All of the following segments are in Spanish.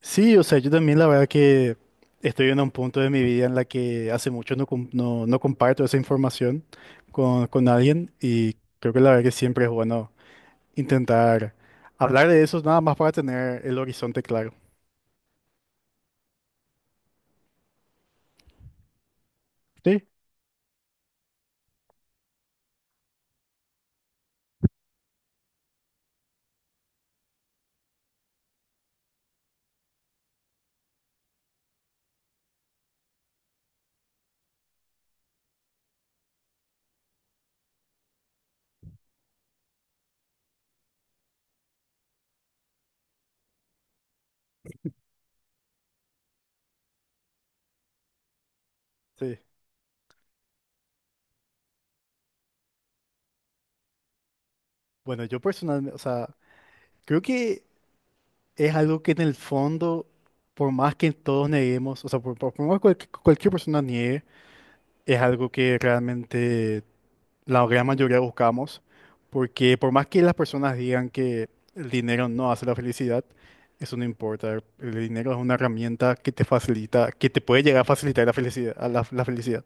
Sí, o sea, yo también la verdad que estoy en un punto de mi vida en la que hace mucho no comparto esa información con alguien y creo que la verdad que siempre es bueno intentar hablar de eso nada más para tener el horizonte claro. Sí, sí. Bueno, yo personalmente, o sea, creo que es algo que en el fondo, por más que todos neguemos, o sea, por más que cualquier persona niegue, es algo que realmente la gran mayoría buscamos, porque por más que las personas digan que el dinero no hace la felicidad, eso no importa. El dinero es una herramienta que te facilita, que te puede llegar a facilitar la felicidad, la felicidad.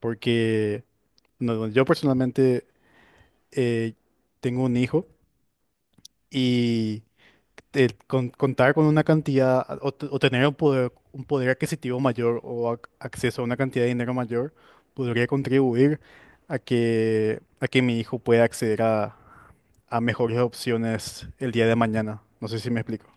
Porque no, yo personalmente eh, tengo un hijo y contar con una cantidad o tener un poder adquisitivo mayor o acceso a una cantidad de dinero mayor podría contribuir a a que mi hijo pueda acceder a mejores opciones el día de mañana. No sé si me explico.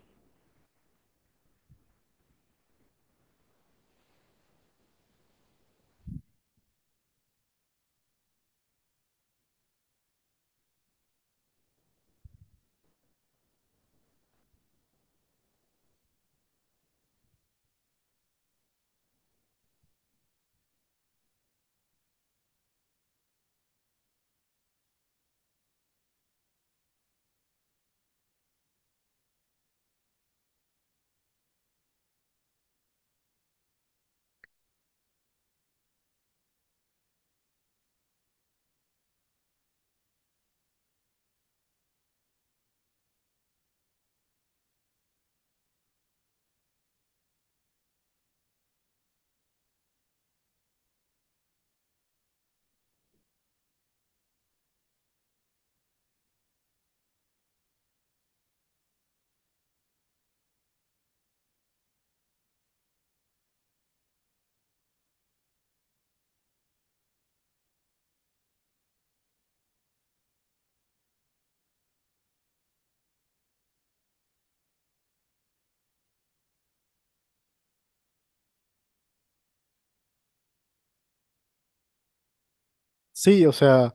Sí, o sea,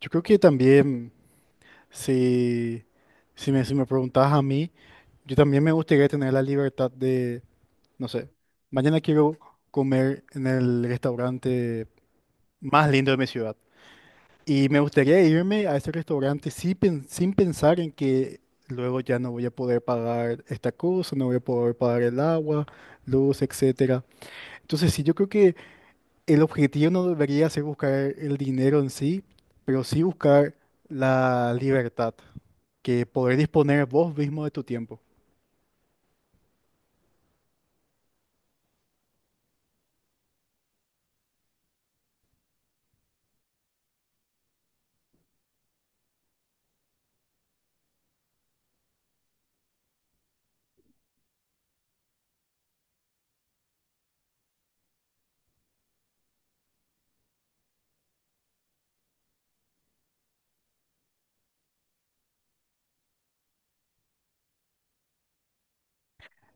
yo creo que también si, si me preguntas a mí, yo también me gustaría tener la libertad de, no sé, mañana quiero comer en el restaurante más lindo de mi ciudad. Y me gustaría irme a ese restaurante sin pensar en que luego ya no voy a poder pagar esta cosa, no voy a poder pagar el agua, luz, etcétera. Entonces sí, yo creo que el objetivo no debería ser buscar el dinero en sí, pero sí buscar la libertad, que poder disponer vos mismo de tu tiempo.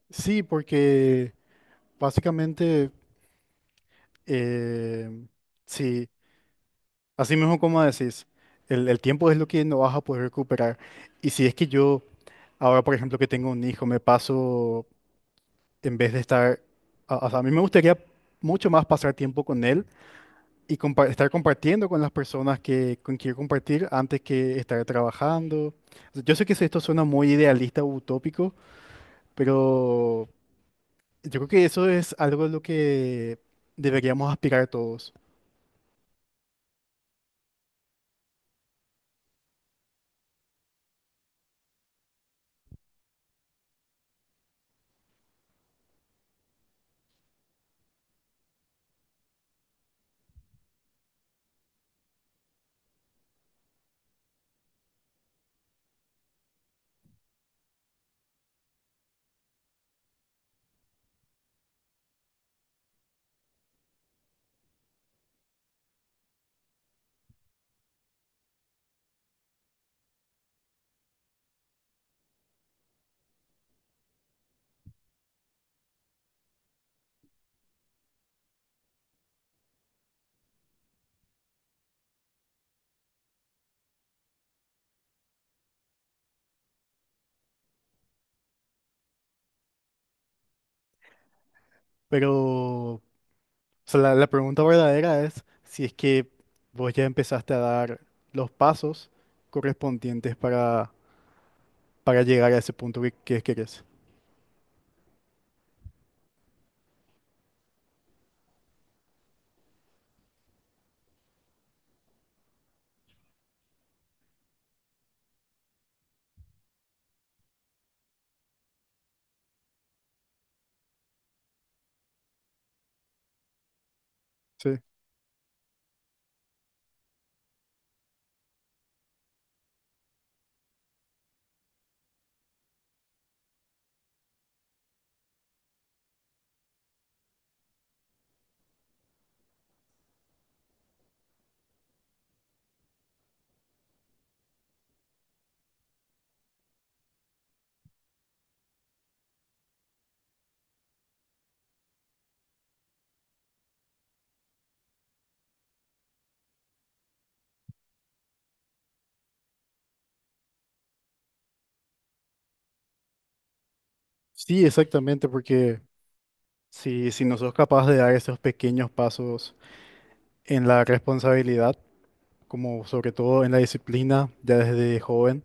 Sí, porque básicamente, eh, sí, así mismo como decís, el tiempo es lo que no vas a poder recuperar. Y si es que yo ahora, por ejemplo, que tengo un hijo, me paso, en vez de estar, o sea, a mí me gustaría mucho más pasar tiempo con él y estar compartiendo con las personas que con quiero compartir antes que estar trabajando. O sea, yo sé que esto suena muy idealista o utópico, pero yo creo que eso es algo de lo que deberíamos aspirar todos. Pero, o sea, la pregunta verdadera es si es que vos ya empezaste a dar los pasos correspondientes para llegar a ese punto que querés. Sí. Sí, exactamente, porque si no sos capaz de dar esos pequeños pasos en la responsabilidad, como sobre todo en la disciplina, ya desde joven,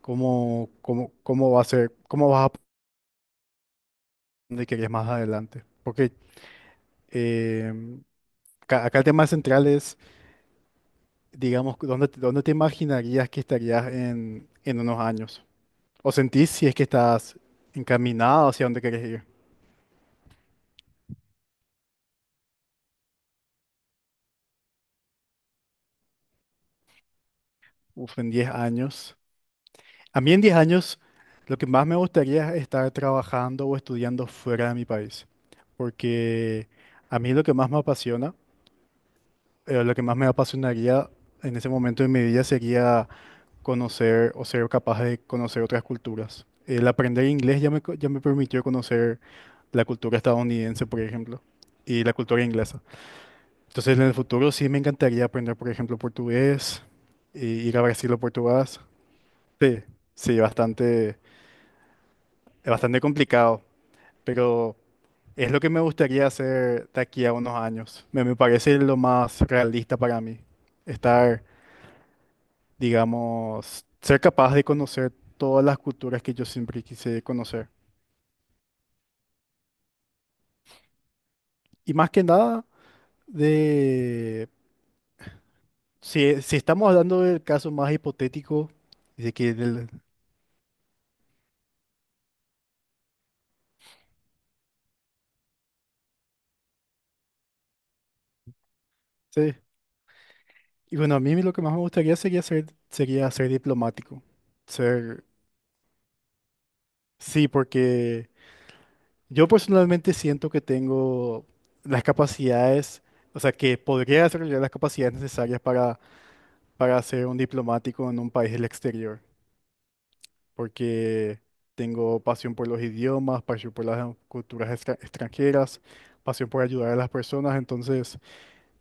¿ cómo va a ser, cómo vas a donde querés más adelante? Porque em, acá el tema central es, digamos, ¿ dónde te imaginarías que estarías en unos años? ¿O sentís si es que estás encaminado hacia donde querés ir? Uf, en 10 años. A mí en 10 años lo que más me gustaría es estar trabajando o estudiando fuera de mi país, porque a mí lo que más me apasionaría en ese momento de mi vida sería conocer o ser capaz de conocer otras culturas. El aprender inglés ya ya me permitió conocer la cultura estadounidense, por ejemplo, y la cultura inglesa. Entonces en el futuro sí me encantaría aprender, por ejemplo, portugués, e ir a Brasil o Portugal. Sí, sí, bastante. Es bastante complicado, pero es lo que me gustaría hacer de aquí a unos años. Me parece lo más realista para mí. Estar, digamos, ser capaz de conocer todas las culturas que yo siempre quise conocer. Y más que nada, de si, si estamos hablando del caso más hipotético, de que del- sí. Y bueno, a mí lo que más me gustaría sería ser diplomático. Ser, sí, porque yo personalmente siento que tengo las capacidades, o sea, que podría desarrollar las capacidades necesarias para ser un diplomático en un país del exterior, porque tengo pasión por los idiomas, pasión por las extranjeras, pasión por ayudar a las personas, entonces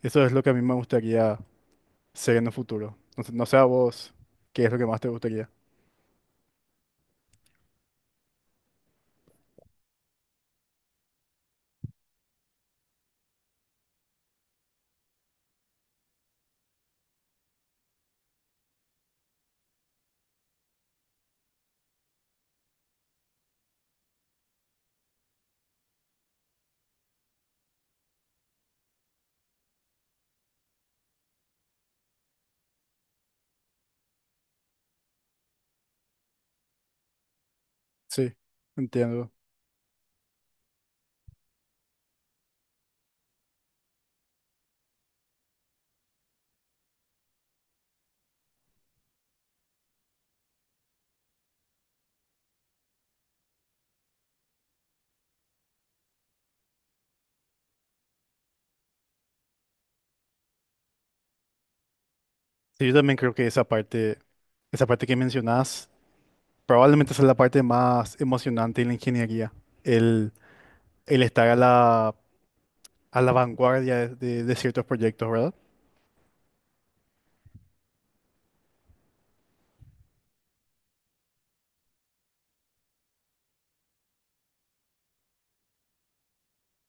eso es lo que a mí me gustaría ser en el futuro. Entonces, no sé a vos, ¿qué es lo que más te gustaría? Sí, entiendo. Sí, yo también creo que esa parte que mencionás probablemente esa es la parte más emocionante de la ingeniería, el, el estar a la vanguardia de, de ciertos proyectos, ¿verdad?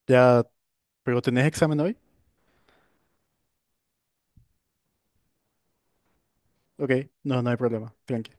Ya, pero ¿tenés examen hoy? Ok, no, no hay problema, tranqui.